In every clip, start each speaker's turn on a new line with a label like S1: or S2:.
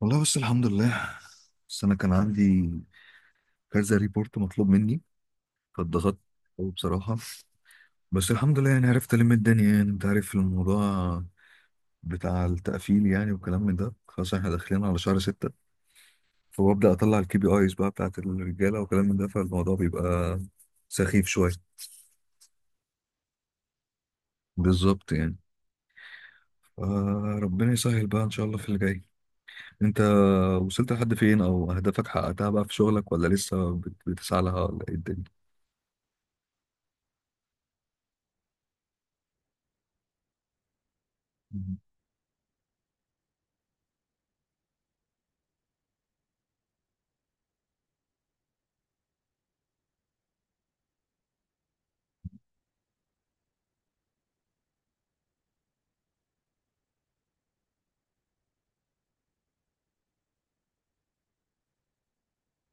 S1: والله بس الحمد لله. بس انا كان عندي كذا ريبورت مطلوب مني، فاتضغطت أوي بصراحه. بس الحمد لله، يعني عرفت الم الدنيا. يعني انت عارف الموضوع بتاع التقفيل يعني، وكلام من ده. خلاص احنا داخلين على شهر ستة، فببدا اطلع الكي بي ايز بقى بتاعت الرجاله وكلام من ده، فالموضوع بيبقى سخيف شويه. بالظبط يعني. آه، ربنا يسهل بقى ان شاء الله في اللي جاي. انت وصلت لحد فين، او اهدافك حققتها بقى في شغلك، ولا لسه بتسعى لها ولا ايه؟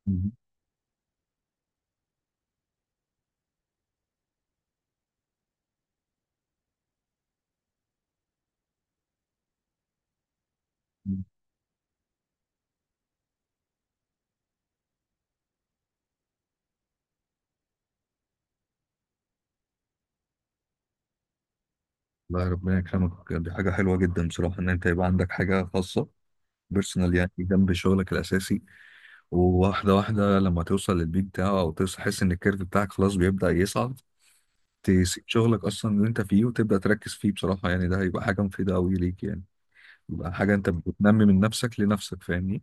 S1: الدنيا. الله، ربنا يكرمك، دي حاجة حلوة جدا بصراحة، إن أنت يبقى عندك حاجة خاصة بيرسونال يعني، جنب شغلك الأساسي. وواحدة واحدة لما توصل للبيك بتاعه، أو تحس إن الكيرف بتاعك خلاص بيبدأ يصعد، تسيب شغلك أصلا اللي أنت فيه، وتبدأ تركز فيه. بصراحة يعني ده هيبقى حاجة مفيدة أوي ليك يعني، يبقى حاجة أنت بتنمي من نفسك لنفسك، فاهمني؟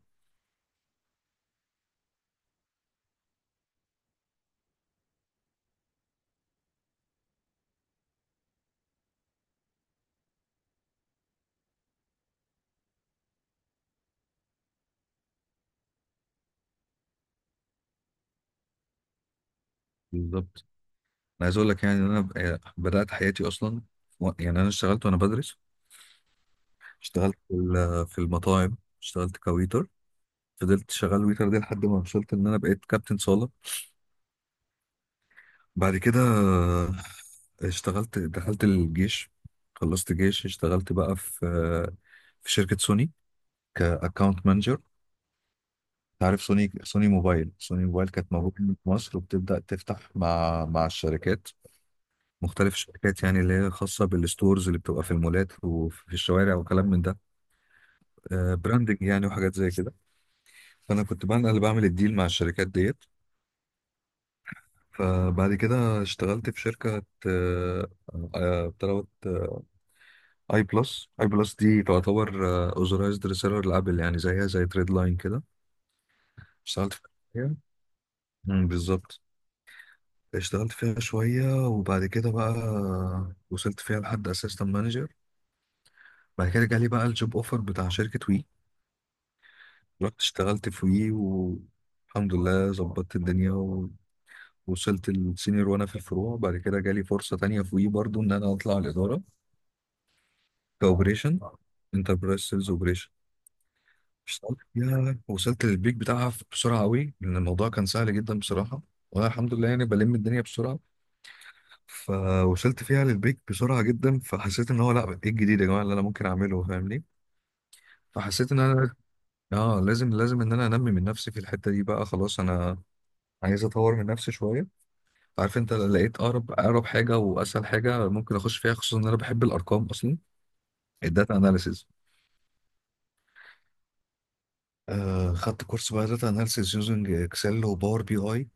S1: بالظبط. أنا عايز أقول لك يعني، إن أنا بدأت حياتي أصلا، يعني أنا اشتغلت وأنا بدرس. اشتغلت في في المطاعم، اشتغلت كويتر. فضلت شغال ويتر دي لحد ما وصلت ان انا بقيت كابتن صالة. بعد كده اشتغلت دخلت الجيش. خلصت جيش، اشتغلت بقى في في شركة سوني، كأكاونت مانجر. عارف سوني، سوني موبايل، سوني موبايل كانت موجودة في مصر، وبتبدأ تفتح مع الشركات، مختلف الشركات، يعني اللي هي خاصة بالستورز اللي بتبقى في المولات وفي الشوارع وكلام من ده، براندنج يعني وحاجات زي كده. فأنا كنت بقى أنا اللي بعمل الديل مع الشركات ديت. فبعد كده اشتغلت في شركة بتلوت، اي بلس. اي بلس دي تعتبر اوزرايزد ريسيلر لابل، يعني زيها زي تريد لاين كده. اشتغلت فيها. بالظبط. اشتغلت فيها شوية، وبعد كده بقى وصلت فيها لحد اسيستنت مانجر. بعد كده جالي بقى الجوب اوفر بتاع شركة وي، رحت اشتغلت في وي، والحمد لله ظبطت الدنيا، وصلت السينيور وانا في الفروع. بعد كده جالي فرصة تانية في وي برضو ان انا اطلع الادارة، كاوبريشن، انتربرايز سيلز اوبريشن. اشتغلت فيها، وصلت للبيك بتاعها بسرعه قوي، لان الموضوع كان سهل جدا بصراحه، وانا الحمد لله يعني بلم الدنيا بسرعه. فوصلت فيها للبيك بسرعه جدا، فحسيت ان هو لا، ايه الجديد يا جماعه اللي انا ممكن اعمله، فاهمني؟ فحسيت ان انا، اه، لازم ان انا انمي من نفسي في الحته دي. بقى خلاص انا عايز اطور من نفسي شويه. عارف انت؟ لقيت اقرب حاجه واسهل حاجه ممكن اخش فيها، خصوصا ان انا بحب الارقام اصلا، الداتا اناليسز. آه، خدت كورس بقى داتا اناليسيس يوزنج اكسل وباور بي اي،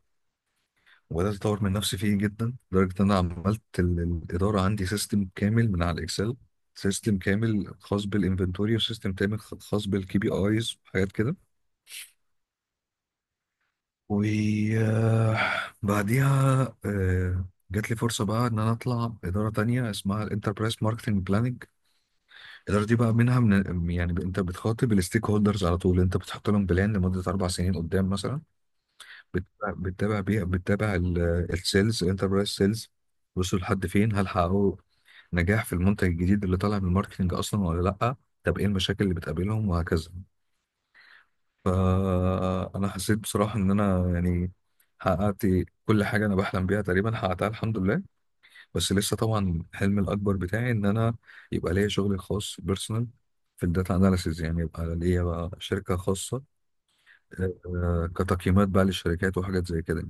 S1: وبدات اطور من نفسي فيه جدا، لدرجه ان انا عملت الاداره عندي سيستم كامل من على الاكسل. سيستم كامل خاص بالانفنتوري، وسيستم كامل خاص بالكي بي ايز وحاجات كده. وبعديها جات لي فرصة بقى إن أنا أطلع إدارة تانية اسمها الانتربرايز ماركتنج بلاننج. الإدارة دي بقى منها من، يعني أنت بتخاطب الستيك هولدرز على طول، أنت بتحط لهم بلان لمدة أربع سنين قدام مثلا، بتتابع بتتابع بيها، بتتابع السيلز، الانتربرايز سيلز، وصلوا لحد فين، هل حققوا نجاح في المنتج الجديد اللي طالع من الماركتنج اصلا ولا لا، طب ايه المشاكل اللي بتقابلهم، وهكذا. فانا حسيت بصراحه ان انا يعني حققت كل حاجه انا بحلم بيها، تقريبا حققتها الحمد لله. بس لسه طبعا حلمي الاكبر بتاعي ان انا يبقى ليا شغلي الخاص بيرسونال في الداتا اناليسيز، يعني يبقى ليا بقى شركه خاصه، كتقييمات بقى للشركات وحاجات زي كده.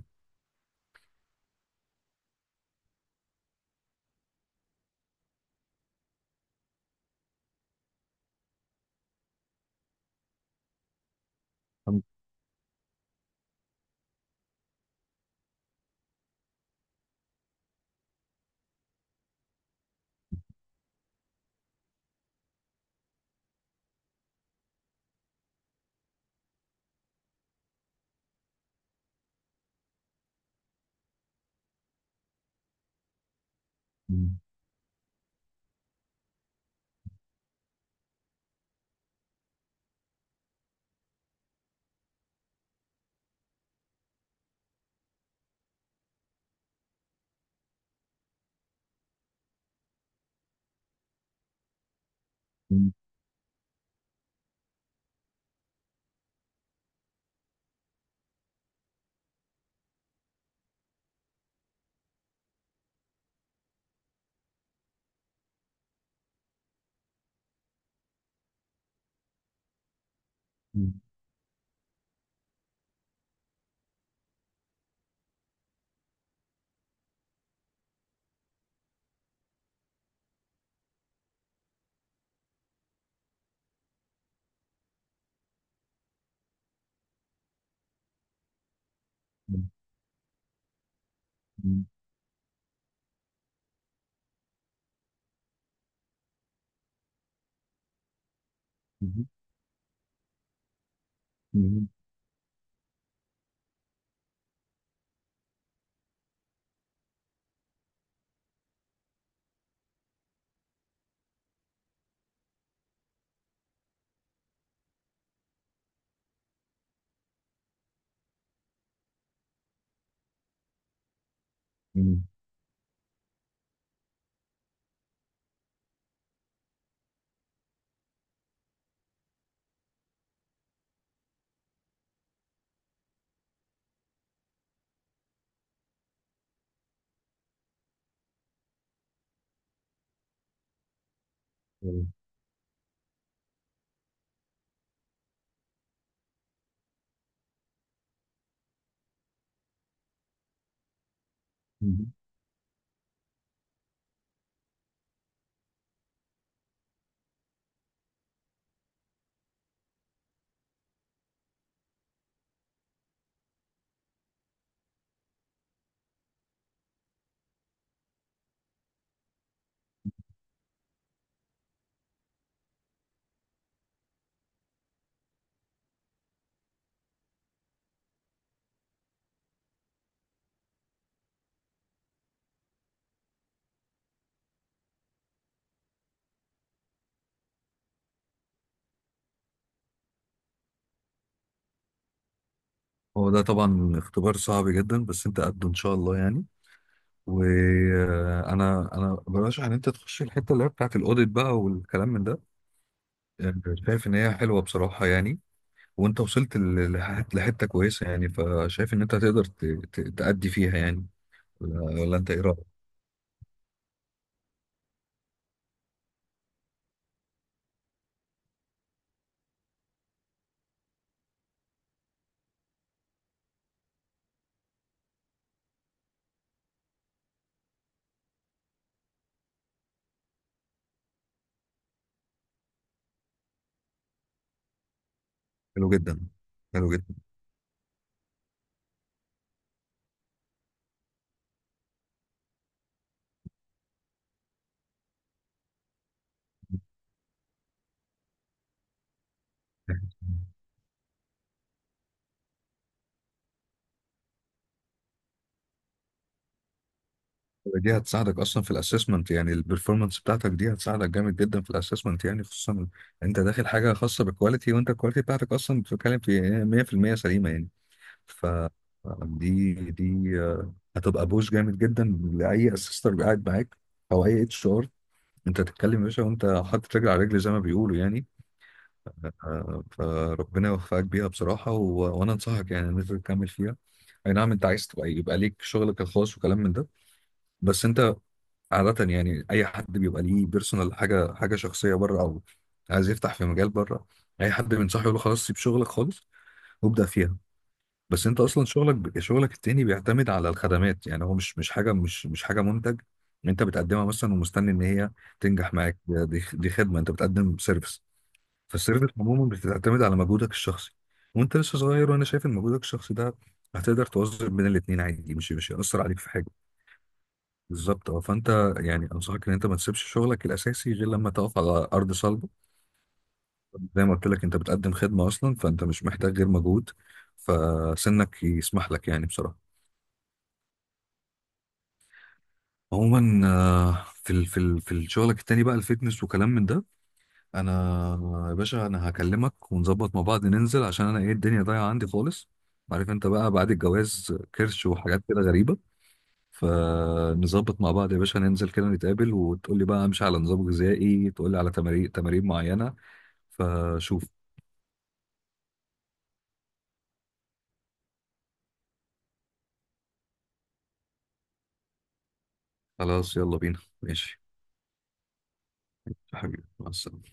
S1: هو ده طبعا اختبار صعب جدا، بس انت قده ان شاء الله يعني. وانا، انا برشح ان انت تخش الحته اللي هي بتاعت الاوديت بقى والكلام من ده. يعني شايف ان هي حلوه بصراحه يعني، وانت وصلت لحته كويسه يعني، فشايف ان انت هتقدر تأدي فيها يعني، ولا انت ايه رايك؟ حلو جدا. حلو جدا. دي هتساعدك اصلا في الاسسمنت، يعني البرفورمانس بتاعتك دي هتساعدك جامد جدا في الاسسمنت، يعني خصوصا انت داخل حاجه خاصه بالكواليتي، وانت الكواليتي بتاعتك اصلا بتتكلم في 100% سليمه يعني. ف دي هتبقى بوش جامد جدا لاي اسيستر قاعد معاك، او اي اتش ار. انت تتكلم يا باشا وانت حاطط رجل على رجل زي ما بيقولوا يعني. فربنا يوفقك بيها بصراحه، وانا انصحك يعني ان انت تكمل فيها. اي نعم انت عايز تبقى يبقى ليك شغلك الخاص وكلام من ده، بس انت عادة يعني، أي حد بيبقى ليه بيرسونال، حاجة حاجة شخصية بره، أو عايز يفتح في مجال بره، أي حد بينصحه يقول له خلاص سيب شغلك خالص وابدأ فيها. بس أنت أصلا شغلك التاني بيعتمد على الخدمات، يعني هو مش حاجة، مش حاجة منتج أنت بتقدمها مثلا ومستني إن هي تنجح معاك. دي دي خدمة، أنت بتقدم سيرفيس. فالسيرفيس عموما بتعتمد على مجهودك الشخصي، وأنت لسه صغير، وأنا شايف إن مجهودك الشخصي ده هتقدر توظف بين الاتنين عادي، مش هيأثر عليك في حاجة. بالظبط. اه، فانت، يعني انصحك ان انت ما تسيبش شغلك الاساسي غير لما تقف على ارض صلبه. زي ما قلت لك، انت بتقدم خدمه اصلا، فانت مش محتاج غير مجهود، فسنك يسمح لك يعني بصراحه. عموما في ال في ال في شغلك التاني بقى، الفيتنس وكلام من ده، انا يا باشا انا هكلمك ونظبط مع بعض ننزل، عشان انا ايه، الدنيا ضايعه عندي خالص. عارف انت بقى، بعد الجواز كرش وحاجات كده غريبه. فنظبط مع بعض يا باشا ننزل كده نتقابل، وتقول لي بقى امشي على نظام غذائي، تقول لي على تمارين، تمارين معينة، فشوف. خلاص يلا بينا ماشي. يا حبيبي مع السلامة.